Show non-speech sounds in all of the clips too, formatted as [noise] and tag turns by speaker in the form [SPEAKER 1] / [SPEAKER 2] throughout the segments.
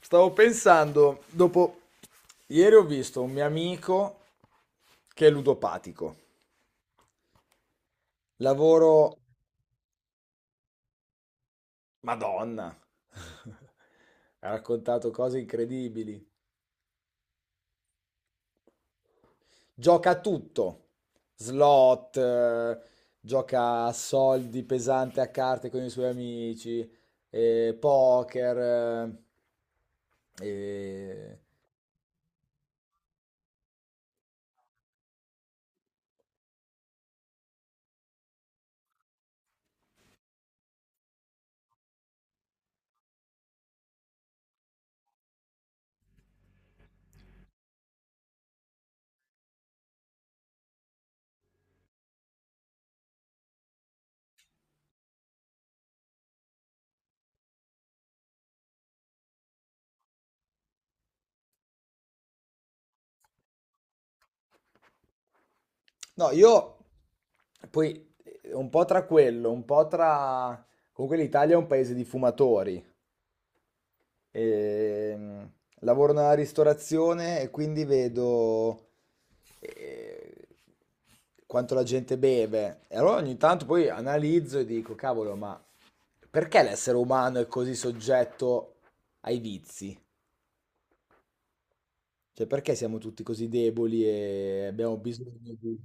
[SPEAKER 1] Stavo pensando, dopo ieri ho visto un mio amico che è ludopatico. Lavoro, Madonna. [laughs] Ha raccontato cose incredibili. Gioca a tutto. Slot, gioca a soldi pesante a carte con i suoi amici, poker, e no, io poi un po' tra quello, un po' tra... Comunque l'Italia è un paese di fumatori. E, mm, lavoro nella ristorazione e quindi vedo eh, quanto la gente beve. E allora ogni tanto poi analizzo e dico, cavolo, ma perché l'essere umano è così soggetto ai vizi? Cioè, perché siamo tutti così deboli e abbiamo bisogno di...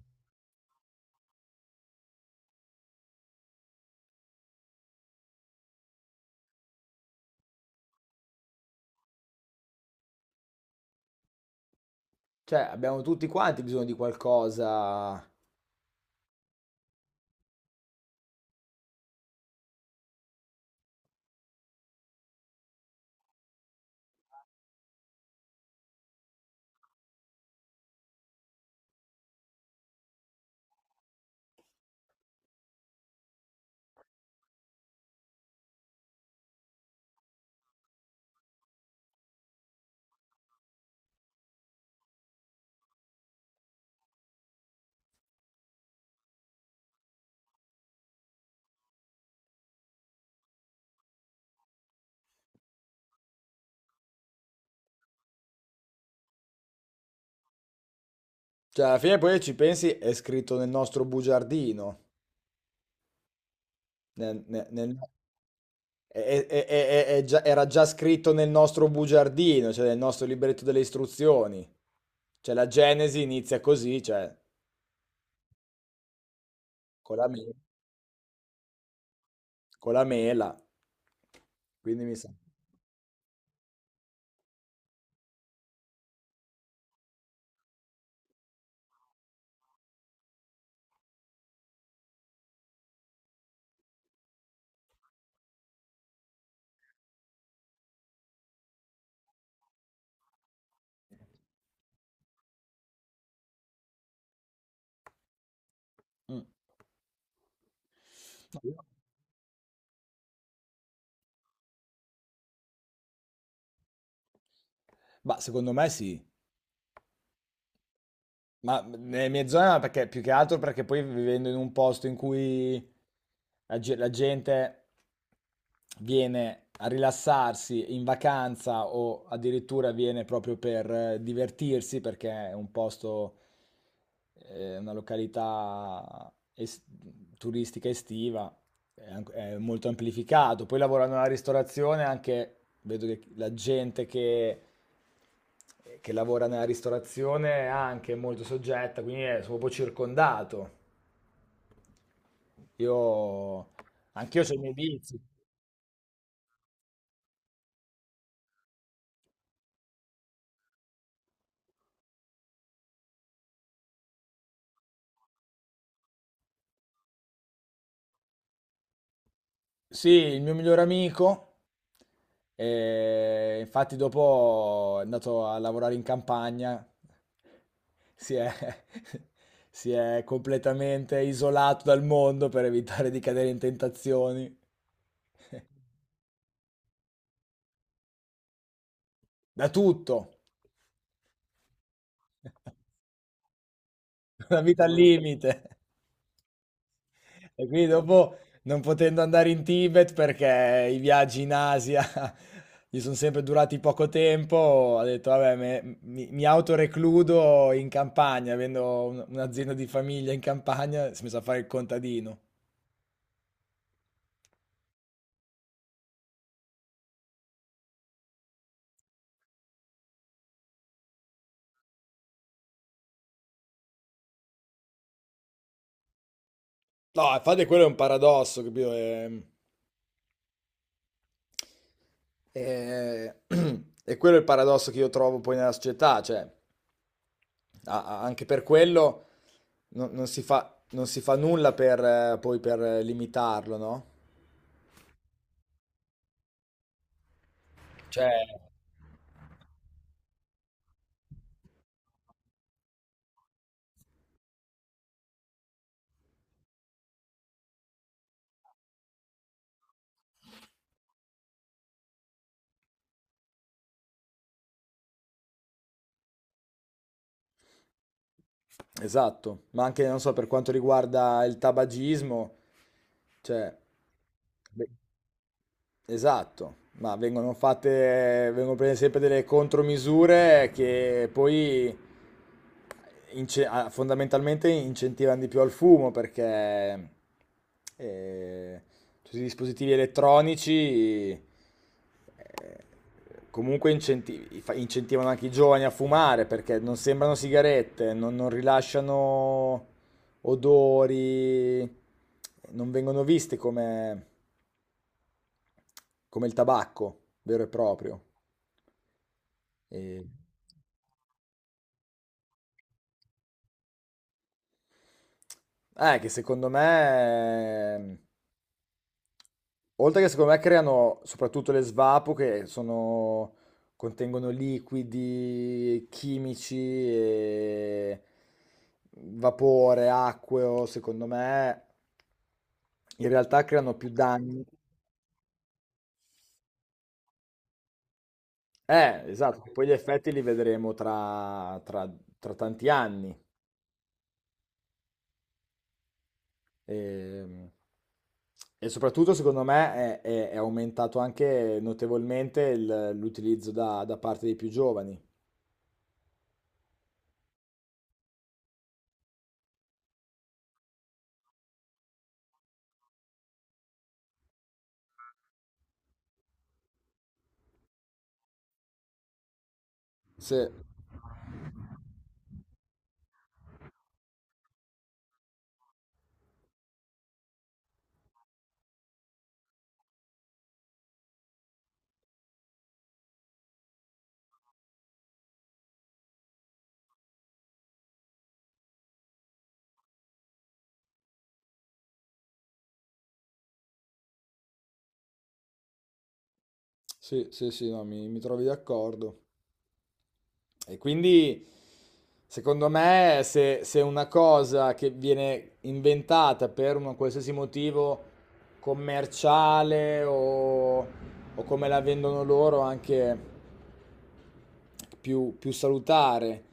[SPEAKER 1] Cioè, abbiamo tutti quanti bisogno di qualcosa. Cioè, alla fine poi ci pensi, è scritto nel nostro bugiardino. Nel- nel- nel- è- è già- Era già scritto nel nostro bugiardino, cioè nel nostro libretto delle istruzioni. Cioè, la Genesi inizia così, cioè, con la, me- con la mela. Quindi mi sa. Mm. Ma secondo me sì. Ma nelle mie zone no, perché più che altro perché poi vivendo in un posto in cui la gente viene a rilassarsi in vacanza o addirittura viene proprio per divertirsi perché è un posto, eh, una località es- turistica estiva, è molto amplificato. Poi lavorando nella ristorazione anche vedo che la gente che lavora nella ristorazione è anche molto soggetta, quindi sono un po' circondato. Io, anch'io ho i miei vizi. Sì, il mio migliore amico, infatti dopo è andato a lavorare in campagna, si è, [laughs] si è completamente isolato dal mondo per evitare di cadere in tentazioni, da tutto, [laughs] una vita al limite. E quindi dopo, non potendo andare in Tibet perché i viaggi in Asia [laughs] gli sono sempre durati poco tempo, ho detto, vabbè, mi autorecludo in campagna, avendo un'azienda di famiglia in campagna, si è messo a fare il contadino. No, infatti quello è un paradosso, capito? È- [clears throat] è quello il paradosso che io trovo poi nella società, cioè, anche per quello non si fa, non si fa nulla per, poi per limitarlo, no? Cioè, esatto, ma anche, non so, per quanto riguarda il tabagismo, cioè, beh, esatto, ma vengono fatte, vengono prese sempre delle contromisure che poi fondamentalmente incentivano di più al fumo perché eh, tutti i dispositivi elettronici eh, comunque incentivano anche i giovani a fumare perché non sembrano sigarette, non rilasciano odori, non vengono viste come come il tabacco vero e proprio. E... che secondo me, oltre che secondo me creano soprattutto le svapo contengono liquidi chimici e vapore, acqueo, secondo me in realtà creano più danni. Esatto, poi gli effetti li vedremo tra tanti anni. E, e soprattutto, secondo me, è aumentato anche notevolmente l'utilizzo da parte dei più giovani. Sì, sì, sì, sì, no, mi trovi d'accordo. E quindi, secondo me, se una cosa che viene inventata per un qualsiasi motivo commerciale o come la vendono loro, anche più salutare,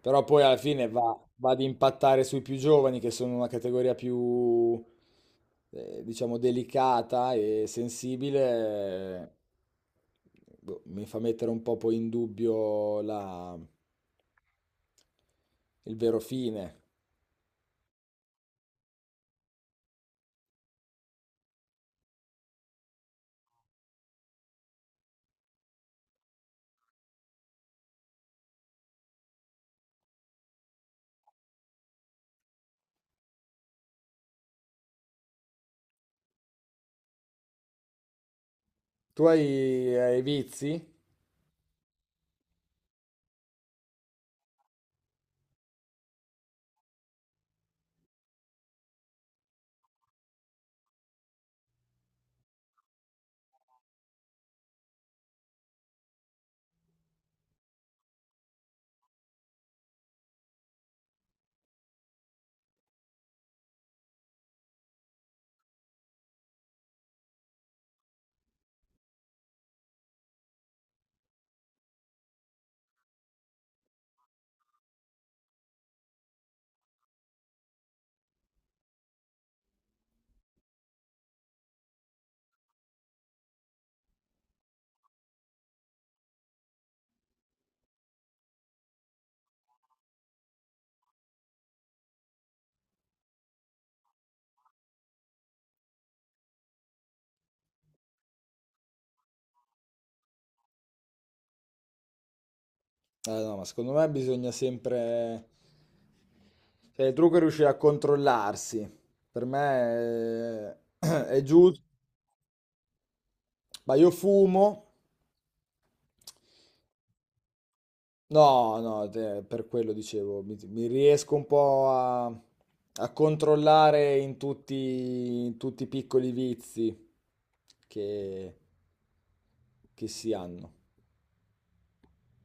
[SPEAKER 1] però poi alla fine va ad impattare sui più giovani che sono una categoria più, diciamo, delicata e sensibile, boh, mi fa mettere un po' poi in dubbio il vero fine. Tu hai vizi? No, ma secondo me bisogna sempre... Cioè, il trucco è riuscire a controllarsi. Per me [clears throat] è, giusto. Ma io fumo. No, no, per quello dicevo, mi riesco un po' a, a controllare in tutti i piccoli vizi che, che si hanno.